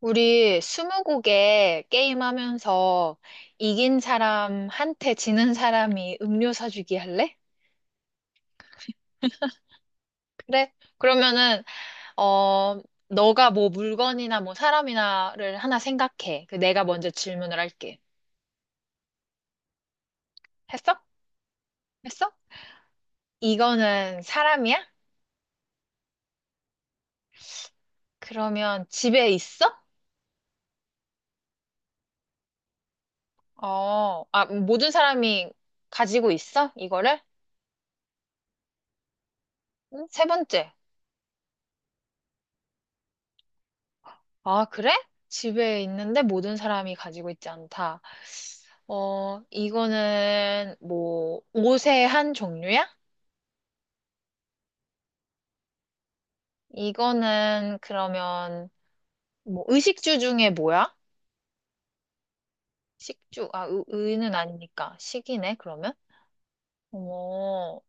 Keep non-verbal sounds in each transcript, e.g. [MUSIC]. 우리 스무고개 게임하면서 이긴 사람한테 지는 사람이 음료 사주기 할래? 그래? 그러면은 어 너가 뭐 물건이나 뭐 사람이나를 하나 생각해. 그 내가 먼저 질문을 할게. 했어? 했어? 이거는 사람이야? 그러면 집에 있어? 아, 모든 사람이 가지고 있어? 이거를? 응? 세 번째. 아, 그래? 집에 있는데 모든 사람이 가지고 있지 않다. 이거는 뭐 옷의 한 종류야? 이거는 그러면 뭐 의식주 중에 뭐야? 식주, 아, 의는 아니니까 식이네, 그러면? 어,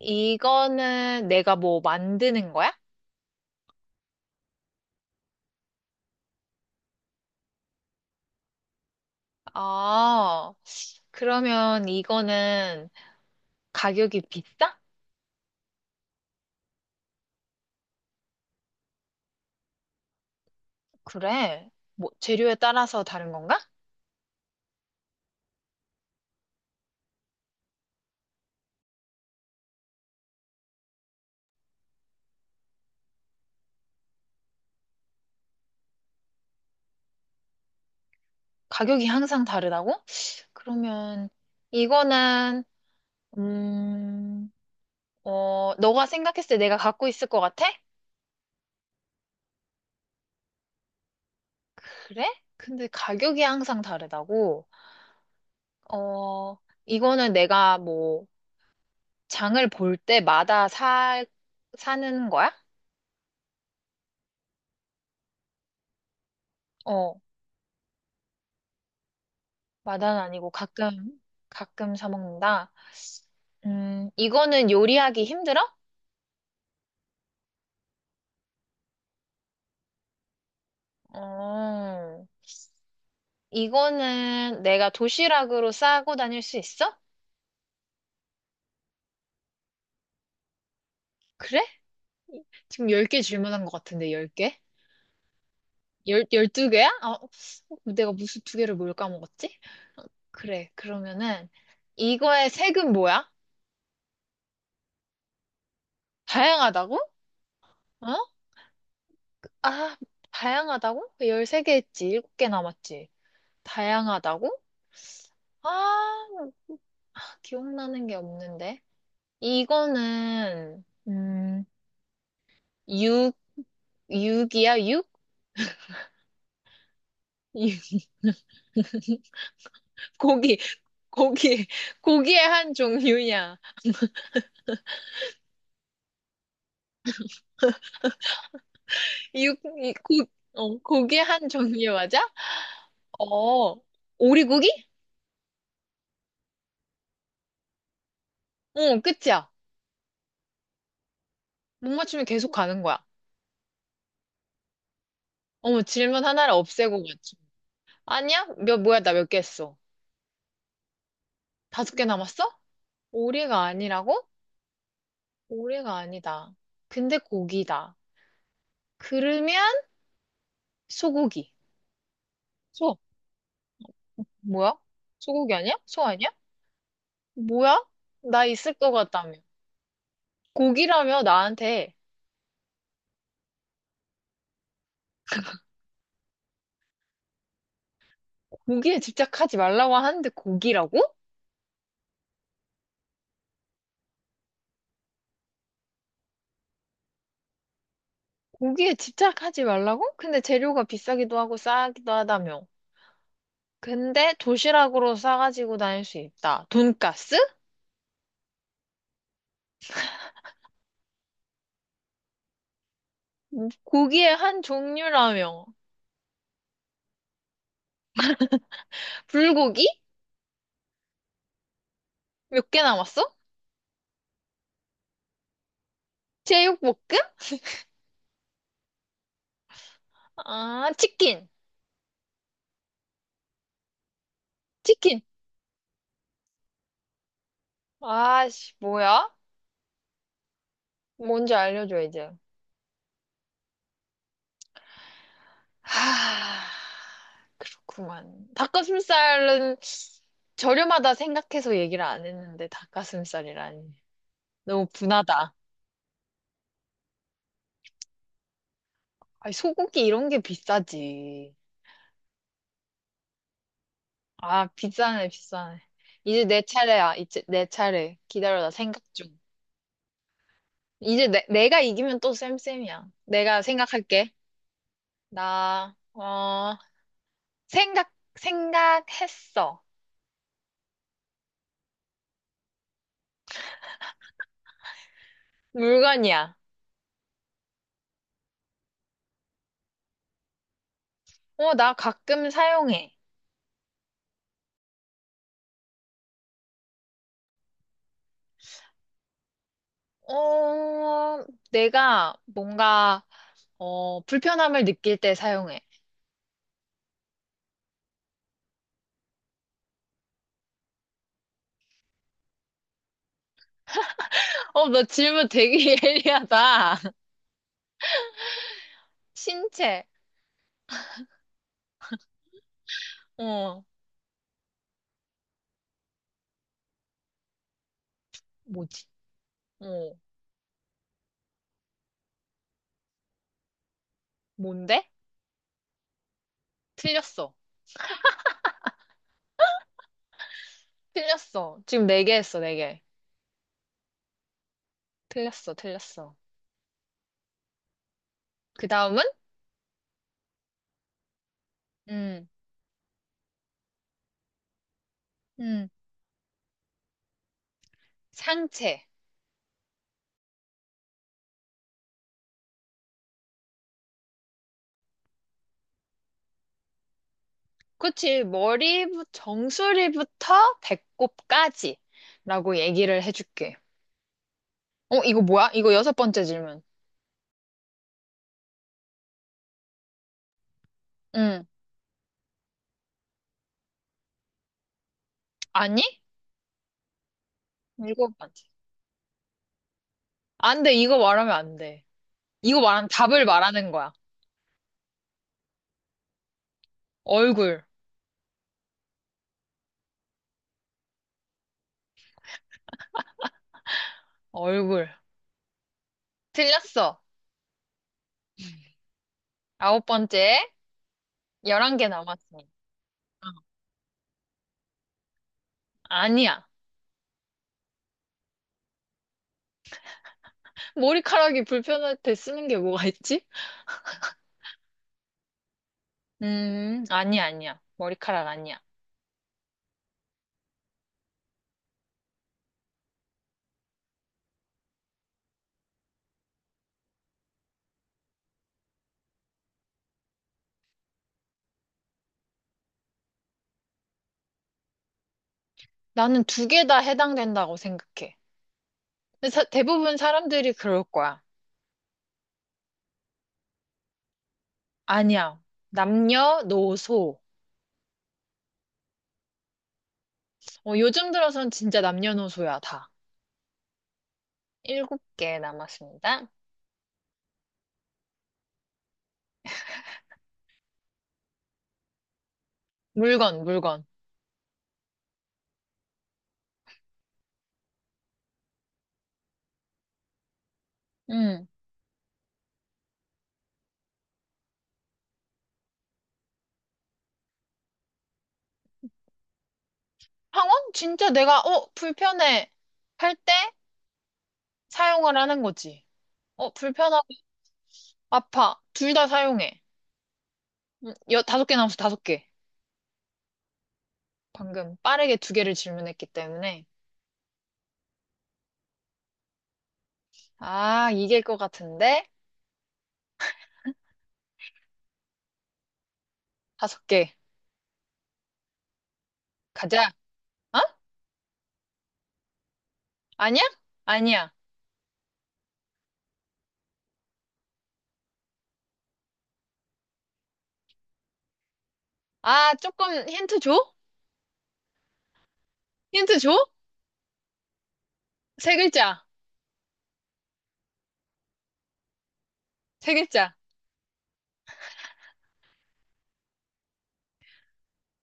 이거는 내가 뭐 만드는 거야? 아, 그러면 이거는 가격이 비싸? 그래. 뭐 재료에 따라서 다른 건가? 가격이 항상 다르다고? 그러면 이거는 음, 너가 생각했을 때 내가 갖고 있을 것 같아? 그래? 근데 가격이 항상 다르다고? 어, 이거는 내가 뭐, 장을 볼 때마다 사는 거야? 어, 마다는 아니고 가끔, 가끔 사 먹는다. 이거는 요리하기 힘들어? 어, 이거는 내가 도시락으로 싸고 다닐 수 있어? 그래? 지금 10개 질문한 것 같은데, 10개? 12개야? 아, 내가 무슨 두 개를 뭘 까먹었지? 그래. 그러면은 이거의 색은 뭐야? 다양하다고? 어? 아, 다양하다고? 13개 했지. 7개 남았지. 다양하다고? 아, 기억나는 게 없는데. 이거는 육, 육이야? 육? 육. [LAUGHS] 고기, 고기, 고기의 한 종류냐 육, 이- 고, 어, 고기의 한 종류 맞아? 어, 오리고기? 응, 끝이야. 못 맞추면 계속 가는 거야. 어머, 질문 하나를 없애고 맞춰. 아니야? 뭐야, 나 몇 개 했어? 다섯 개 남았어? 오리가 아니라고? 오리가 아니다. 근데 고기다. 그러면 소고기. 소. 뭐야? 소고기 아니야? 소 아니야? 뭐야? 나 있을 것 같다며. 고기라며 나한테 고기에 집착하지 말라고 하는데 고기라고? 고기에 집착하지 말라고? 근데 재료가 비싸기도 하고 싸기도 하다며. 근데 도시락으로 싸가지고 다닐 수 있다. 돈까스. 고기의 한 종류라며. 불고기? 몇 개 남았어? 제육볶음? 아, 치킨. 치킨. 아씨, 뭐야? 뭔지 알려줘, 이제. 하, 그렇구만. 닭가슴살은 저렴하다 생각해서 얘기를 안 했는데, 닭가슴살이라니. 너무 분하다. 아니, 소고기 이런 게 비싸지. 아, 비싸네, 비싸네. 이제 내 차례야. 이제 내 차례. 기다려라, 생각 중. 이제 내가 이기면 또 쌤쌤이야. 내가 생각할게. 나, 어, 생각했어. 물건이야. 나 가끔 사용해. 어, 내가 뭔가, 불편함을 느낄 때 사용해. 너 질문 되게 [LAUGHS] 예리하다. 신체, 어, 뭐지? 어, 뭔데? 틀렸어. 틀렸어. 지금 네 개 했어, 네 개. 틀렸어, 틀렸어. 그 다음은? 음, 음, 상체. 그치, 머리, 정수리부터 배꼽까지. 라고 얘기를 해줄게. 이거 뭐야? 이거 여섯 번째 질문. 응. 아니? 일곱 번째. 안 돼, 이거 말하면 안 돼. 이거 말하면 답을 말하는 거야. 얼굴, 얼굴. 틀렸어. 아홉 번째. 열한 개 남았어. 아니야. 머리카락이 불편할 때 쓰는 게 뭐가 있지? 아니야, 아니야. 머리카락 아니야. 나는 두 개 다 해당된다고 생각해. 근데 대부분 사람들이 그럴 거야. 아니야. 남녀노소. 요즘 들어선 진짜 남녀노소야, 다. 일곱 개 남았습니다. 물건, 물건. 음. 항원? 진짜 내가, 불편해. 할 때 사용을 하는 거지. 불편하고 아파. 둘 다 사용해. 다섯 개 남았어, 다섯 개. 방금 빠르게 두 개를 질문했기 때문에. 아, 이길 것 같은데? 다섯 개. 가자. 어? 아니야? 아니야. 아, 조금 힌트 줘? 힌트 줘? 세 글자. 세 글자.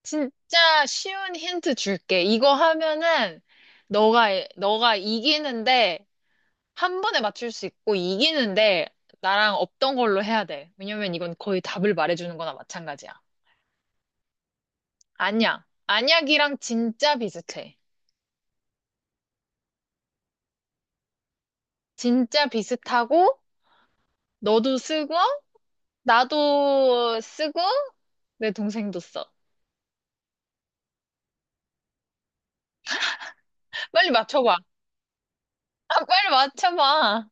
진짜 쉬운 힌트 줄게. 이거 하면은 너가 너가 이기는데 한 번에 맞출 수 있고 이기는데 나랑 없던 걸로 해야 돼. 왜냐면 이건 거의 답을 말해주는 거나 마찬가지야. 안약. 안약이랑 진짜 비슷해. 진짜 비슷하고 너도 쓰고 나도 쓰고 내 동생도 써. 빨리 맞춰봐. 아, 빨리 맞춰봐.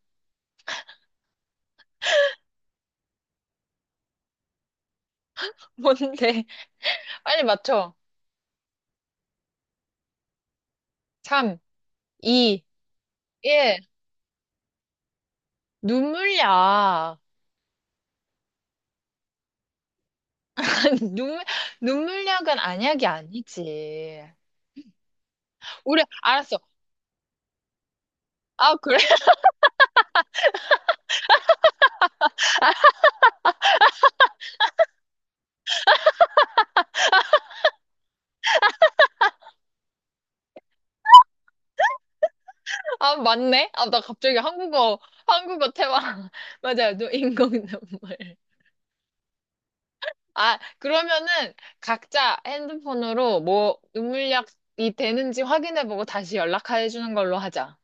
[LAUGHS] 뭔데? 빨리 맞춰. 3. 이, 일. 눈물약. [LAUGHS] 눈물, 눈물약은 안약이 아니지. 알았어. 아, 그래? [LAUGHS] 아, 맞네? 아, 나 갑자기 한국어 태화. [LAUGHS] 맞아요. 인공 눈물. 아, 그러면은 각자 핸드폰으로 뭐 눈물약이 되는지 확인해보고 다시 연락해 주는 걸로 하자.